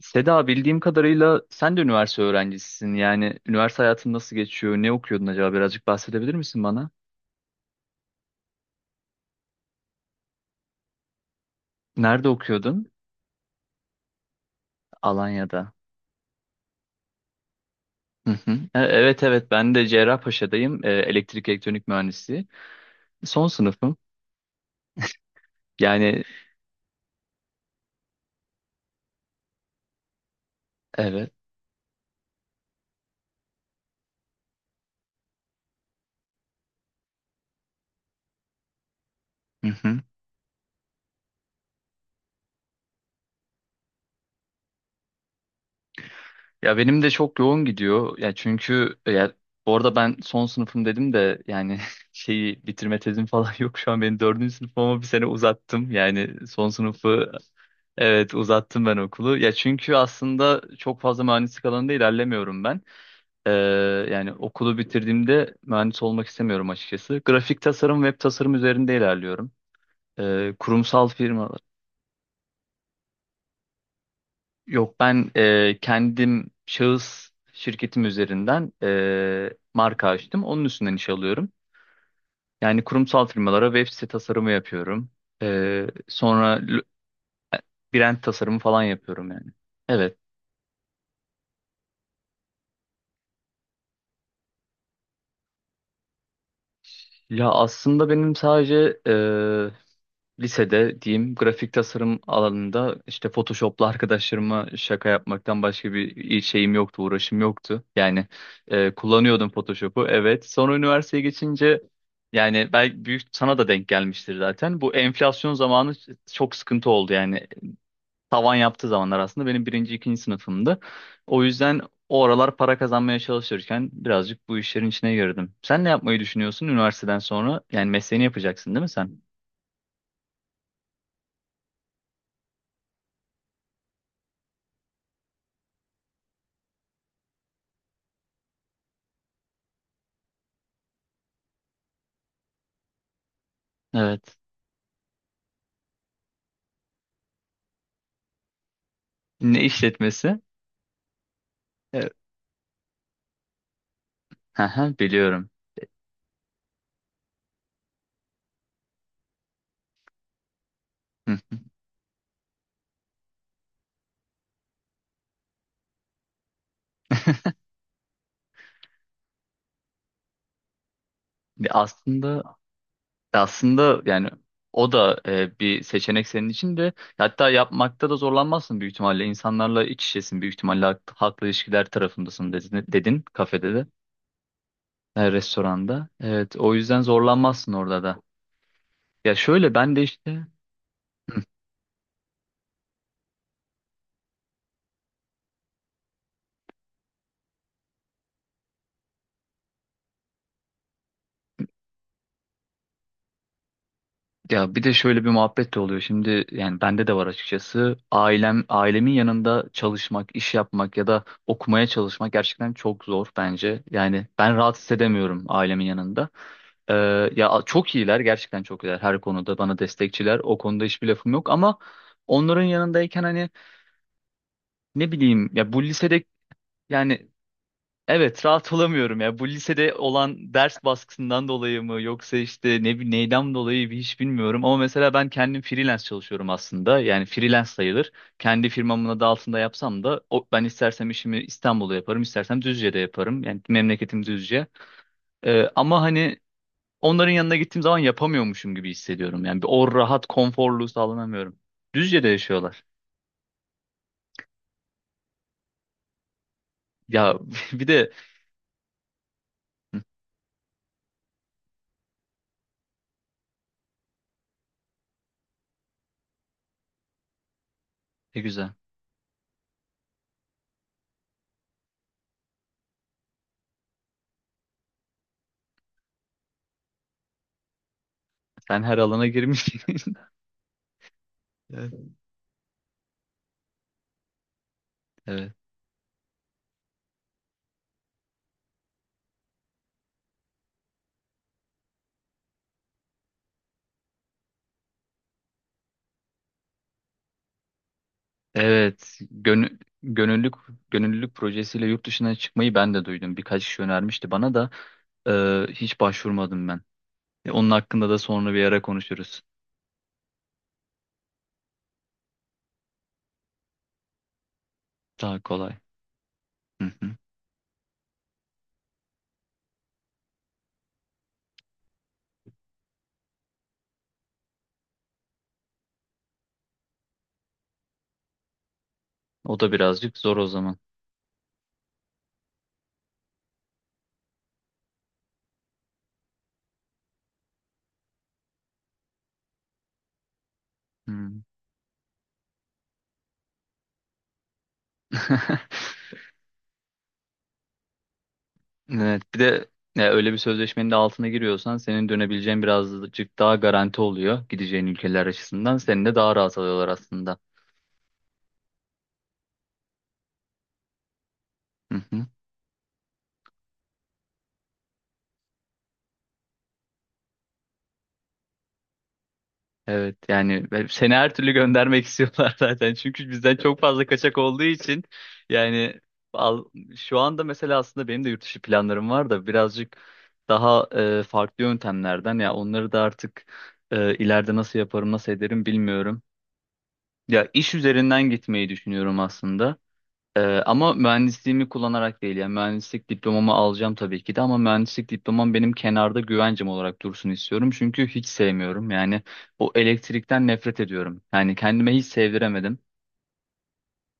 Seda bildiğim kadarıyla sen de üniversite öğrencisisin. Yani üniversite hayatın nasıl geçiyor? Ne okuyordun acaba? Birazcık bahsedebilir misin bana? Nerede okuyordun? Alanya'da. Hı hı. Evet evet, ben de Cerrahpaşa'dayım. Elektrik elektronik mühendisliği. Son sınıfım. Yani evet. Hı hı. Ya benim de çok yoğun gidiyor. Ya çünkü ya bu arada ben son sınıfım dedim de yani şeyi bitirme tezim falan yok şu an. Benim dördüncü sınıfım ama bir sene uzattım. Yani son sınıfı, evet, uzattım ben okulu. Ya çünkü aslında çok fazla mühendislik alanında ilerlemiyorum ben. Ee, yani okulu bitirdiğimde mühendis olmak istemiyorum açıkçası. Grafik tasarım, web tasarım üzerinde ilerliyorum. Kurumsal firma. Yok, ben kendim şahıs şirketim üzerinden marka açtım. Onun üstünden iş alıyorum. Yani kurumsal firmalara web site tasarımı yapıyorum. Sonra brand tasarımı falan yapıyorum yani. Evet. Ya aslında benim sadece lisede diyeyim grafik tasarım alanında işte Photoshop'la arkadaşlarıma şaka yapmaktan başka bir şeyim yoktu, uğraşım yoktu. Yani kullanıyordum Photoshop'u, evet. Sonra üniversiteye geçince yani belki büyük sana da denk gelmiştir zaten. Bu enflasyon zamanı çok sıkıntı oldu yani. Tavan yaptığı zamanlar aslında benim birinci, ikinci sınıfımdı. O yüzden o aralar para kazanmaya çalışırken birazcık bu işlerin içine girdim. Sen ne yapmayı düşünüyorsun üniversiteden sonra? Yani mesleğini yapacaksın değil mi sen? Evet. Ne işletmesi? Evet. Hı hı, biliyorum. Hı. Bir Aslında aslında yani o da bir seçenek senin için de, hatta yapmakta da zorlanmazsın büyük ihtimalle. İnsanlarla iç içesin büyük ihtimalle, halkla ilişkiler tarafındasın dedin kafede de restoranda. Evet, o yüzden zorlanmazsın orada da. Ya şöyle ben de işte ya bir de şöyle bir muhabbet de oluyor. Şimdi yani bende de var açıkçası. Ailemin yanında çalışmak, iş yapmak ya da okumaya çalışmak gerçekten çok zor bence. Yani ben rahat hissedemiyorum ailemin yanında. Ee, ya çok iyiler, gerçekten çok iyiler, her konuda bana destekçiler. O konuda hiçbir lafım yok ama onların yanındayken hani ne bileyim ya, bu lisede yani evet, rahat olamıyorum ya. Bu lisede olan ders baskısından dolayı mı yoksa işte neyden dolayı bir hiç bilmiyorum. Ama mesela ben kendim freelance çalışıyorum aslında. Yani freelance sayılır. Kendi firmamın adı altında yapsam da o, ben istersem işimi İstanbul'da yaparım, istersem Düzce'de yaparım. Yani memleketim Düzce. Ama hani onların yanına gittiğim zaman yapamıyormuşum gibi hissediyorum. Yani bir o rahat konforluğu sağlanamıyorum. Düzce'de yaşıyorlar. Ya bir de ne güzel. Sen her alana girmişsin. Evet. Evet. Evet, gönüllülük projesiyle yurt dışına çıkmayı ben de duydum. Birkaç kişi önermişti bana da hiç başvurmadım ben. Onun hakkında da sonra bir ara konuşuruz. Daha kolay. Hı hı. O da birazcık zor o zaman. Hmm. Evet, bir de ya öyle bir sözleşmenin de altına giriyorsan senin dönebileceğin birazcık daha garanti oluyor gideceğin ülkeler açısından. Seni de daha rahat alıyorlar aslında. Evet, yani ben- seni her türlü göndermek istiyorlar zaten. Çünkü bizden çok fazla kaçak olduğu için yani al, şu anda mesela aslında benim de yurt dışı planlarım var da birazcık daha farklı yöntemlerden. Ya onları da artık ileride nasıl yaparım nasıl ederim bilmiyorum. Ya iş üzerinden gitmeyi düşünüyorum aslında. Ama mühendisliğimi kullanarak değil. Yani mühendislik diplomamı alacağım tabii ki de ama mühendislik diplomam benim kenarda güvencem olarak dursun istiyorum. Çünkü hiç sevmiyorum yani, o elektrikten nefret ediyorum. Yani kendime hiç sevdiremedim.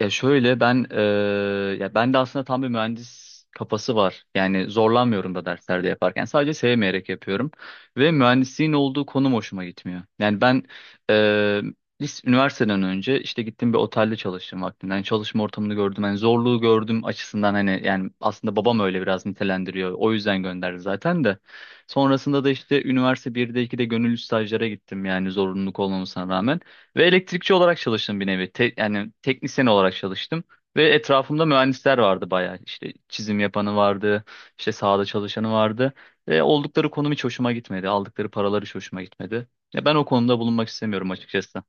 Ya şöyle ben ya ben de aslında tam bir mühendis kafası var. Yani zorlanmıyorum da derslerde yaparken. Sadece sevmeyerek yapıyorum. Ve mühendisliğin olduğu konum hoşuma gitmiyor. Yani ben eee üniversiteden önce işte gittim bir otelde çalıştım vaktinden. Çalışma ortamını gördüm. Yani zorluğu gördüm açısından hani, yani aslında babam öyle biraz nitelendiriyor. O yüzden gönderdi zaten de. Sonrasında da işte üniversite 1'de 2'de gönüllü stajlara gittim yani, zorunluluk olmamasına rağmen. Ve elektrikçi olarak çalıştım bir nevi. Yani teknisyen olarak çalıştım. Ve etrafımda mühendisler vardı bayağı. İşte çizim yapanı vardı, işte sahada çalışanı vardı. Ve oldukları konum hiç hoşuma gitmedi. Aldıkları paralar hiç hoşuma gitmedi. Ya ben o konuda bulunmak istemiyorum açıkçası.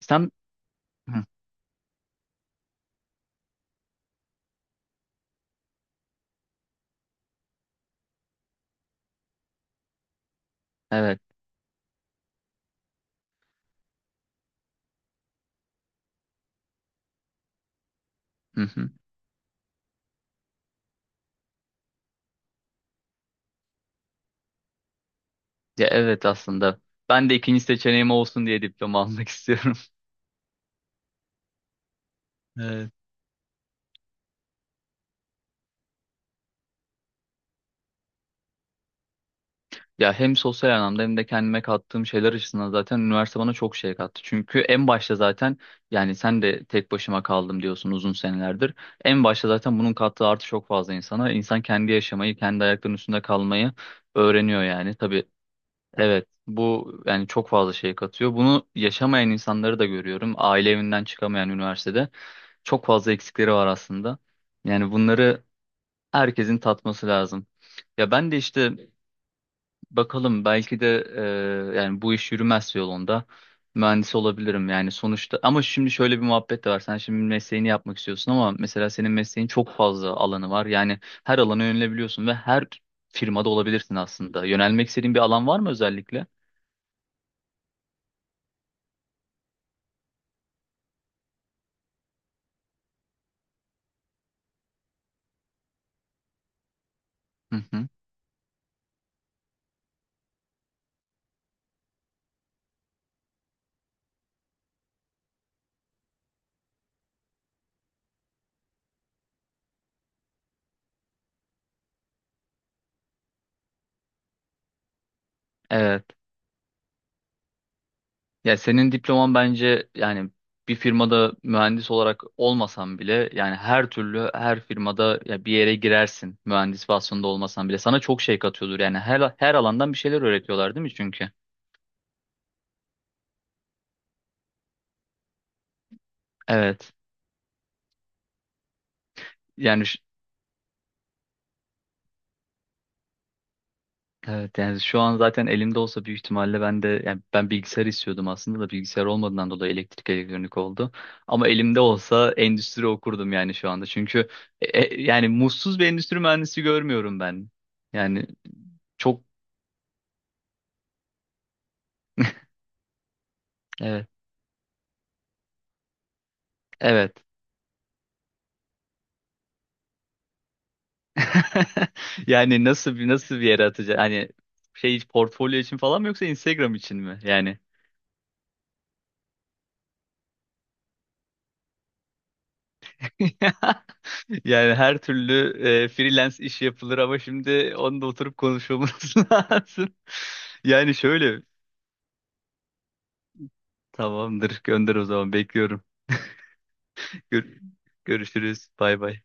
Sen... Hı, evet. Hı hı. Ya evet aslında. Ben de ikinci seçeneğim olsun diye diploma almak istiyorum. Evet. Ya hem sosyal anlamda hem de kendime kattığım şeyler açısından zaten üniversite bana çok şey kattı. Çünkü en başta zaten yani sen de tek başıma kaldım diyorsun uzun senelerdir. En başta zaten bunun kattığı artı çok fazla insana. İnsan kendi yaşamayı, kendi ayaklarının üstünde kalmayı öğreniyor yani. Tabii, evet, bu yani çok fazla şey katıyor. Bunu yaşamayan insanları da görüyorum. Aile evinden çıkamayan üniversitede çok fazla eksikleri var aslında. Yani bunları herkesin tatması lazım. Ya ben de işte bakalım, belki de yani bu iş yürümez yolunda mühendis olabilirim yani sonuçta. Ama şimdi şöyle bir muhabbet de var, sen şimdi mesleğini yapmak istiyorsun ama mesela senin mesleğin çok fazla alanı var, yani her alana yönelebiliyorsun ve her firmada olabilirsin aslında. Yönelmek istediğin bir alan var mı özellikle? Hı hı. Evet. Ya senin diploman bence yani bir firmada mühendis olarak olmasan bile, yani her türlü her firmada ya bir yere girersin, mühendis vasfında olmasan bile sana çok şey katıyordur yani, her her alandan bir şeyler öğretiyorlar değil mi çünkü? Evet. Yani evet, yani şu an zaten elimde olsa büyük ihtimalle ben de, yani ben bilgisayar istiyordum aslında da bilgisayar olmadığından dolayı elektrik elektronik oldu. Ama elimde olsa endüstri okurdum yani şu anda. Çünkü yani mutsuz bir endüstri mühendisi görmüyorum ben. Yani çok evet. Evet. Yani nasıl bir, nasıl bir yere atacak? Hani şey portfolyo için falan mı yoksa Instagram için mi? Yani yani her türlü freelance iş yapılır ama şimdi onu da oturup konuşmamız lazım. Yani şöyle tamamdır, gönder o zaman, bekliyorum. Gör- görüşürüz. Bay bay.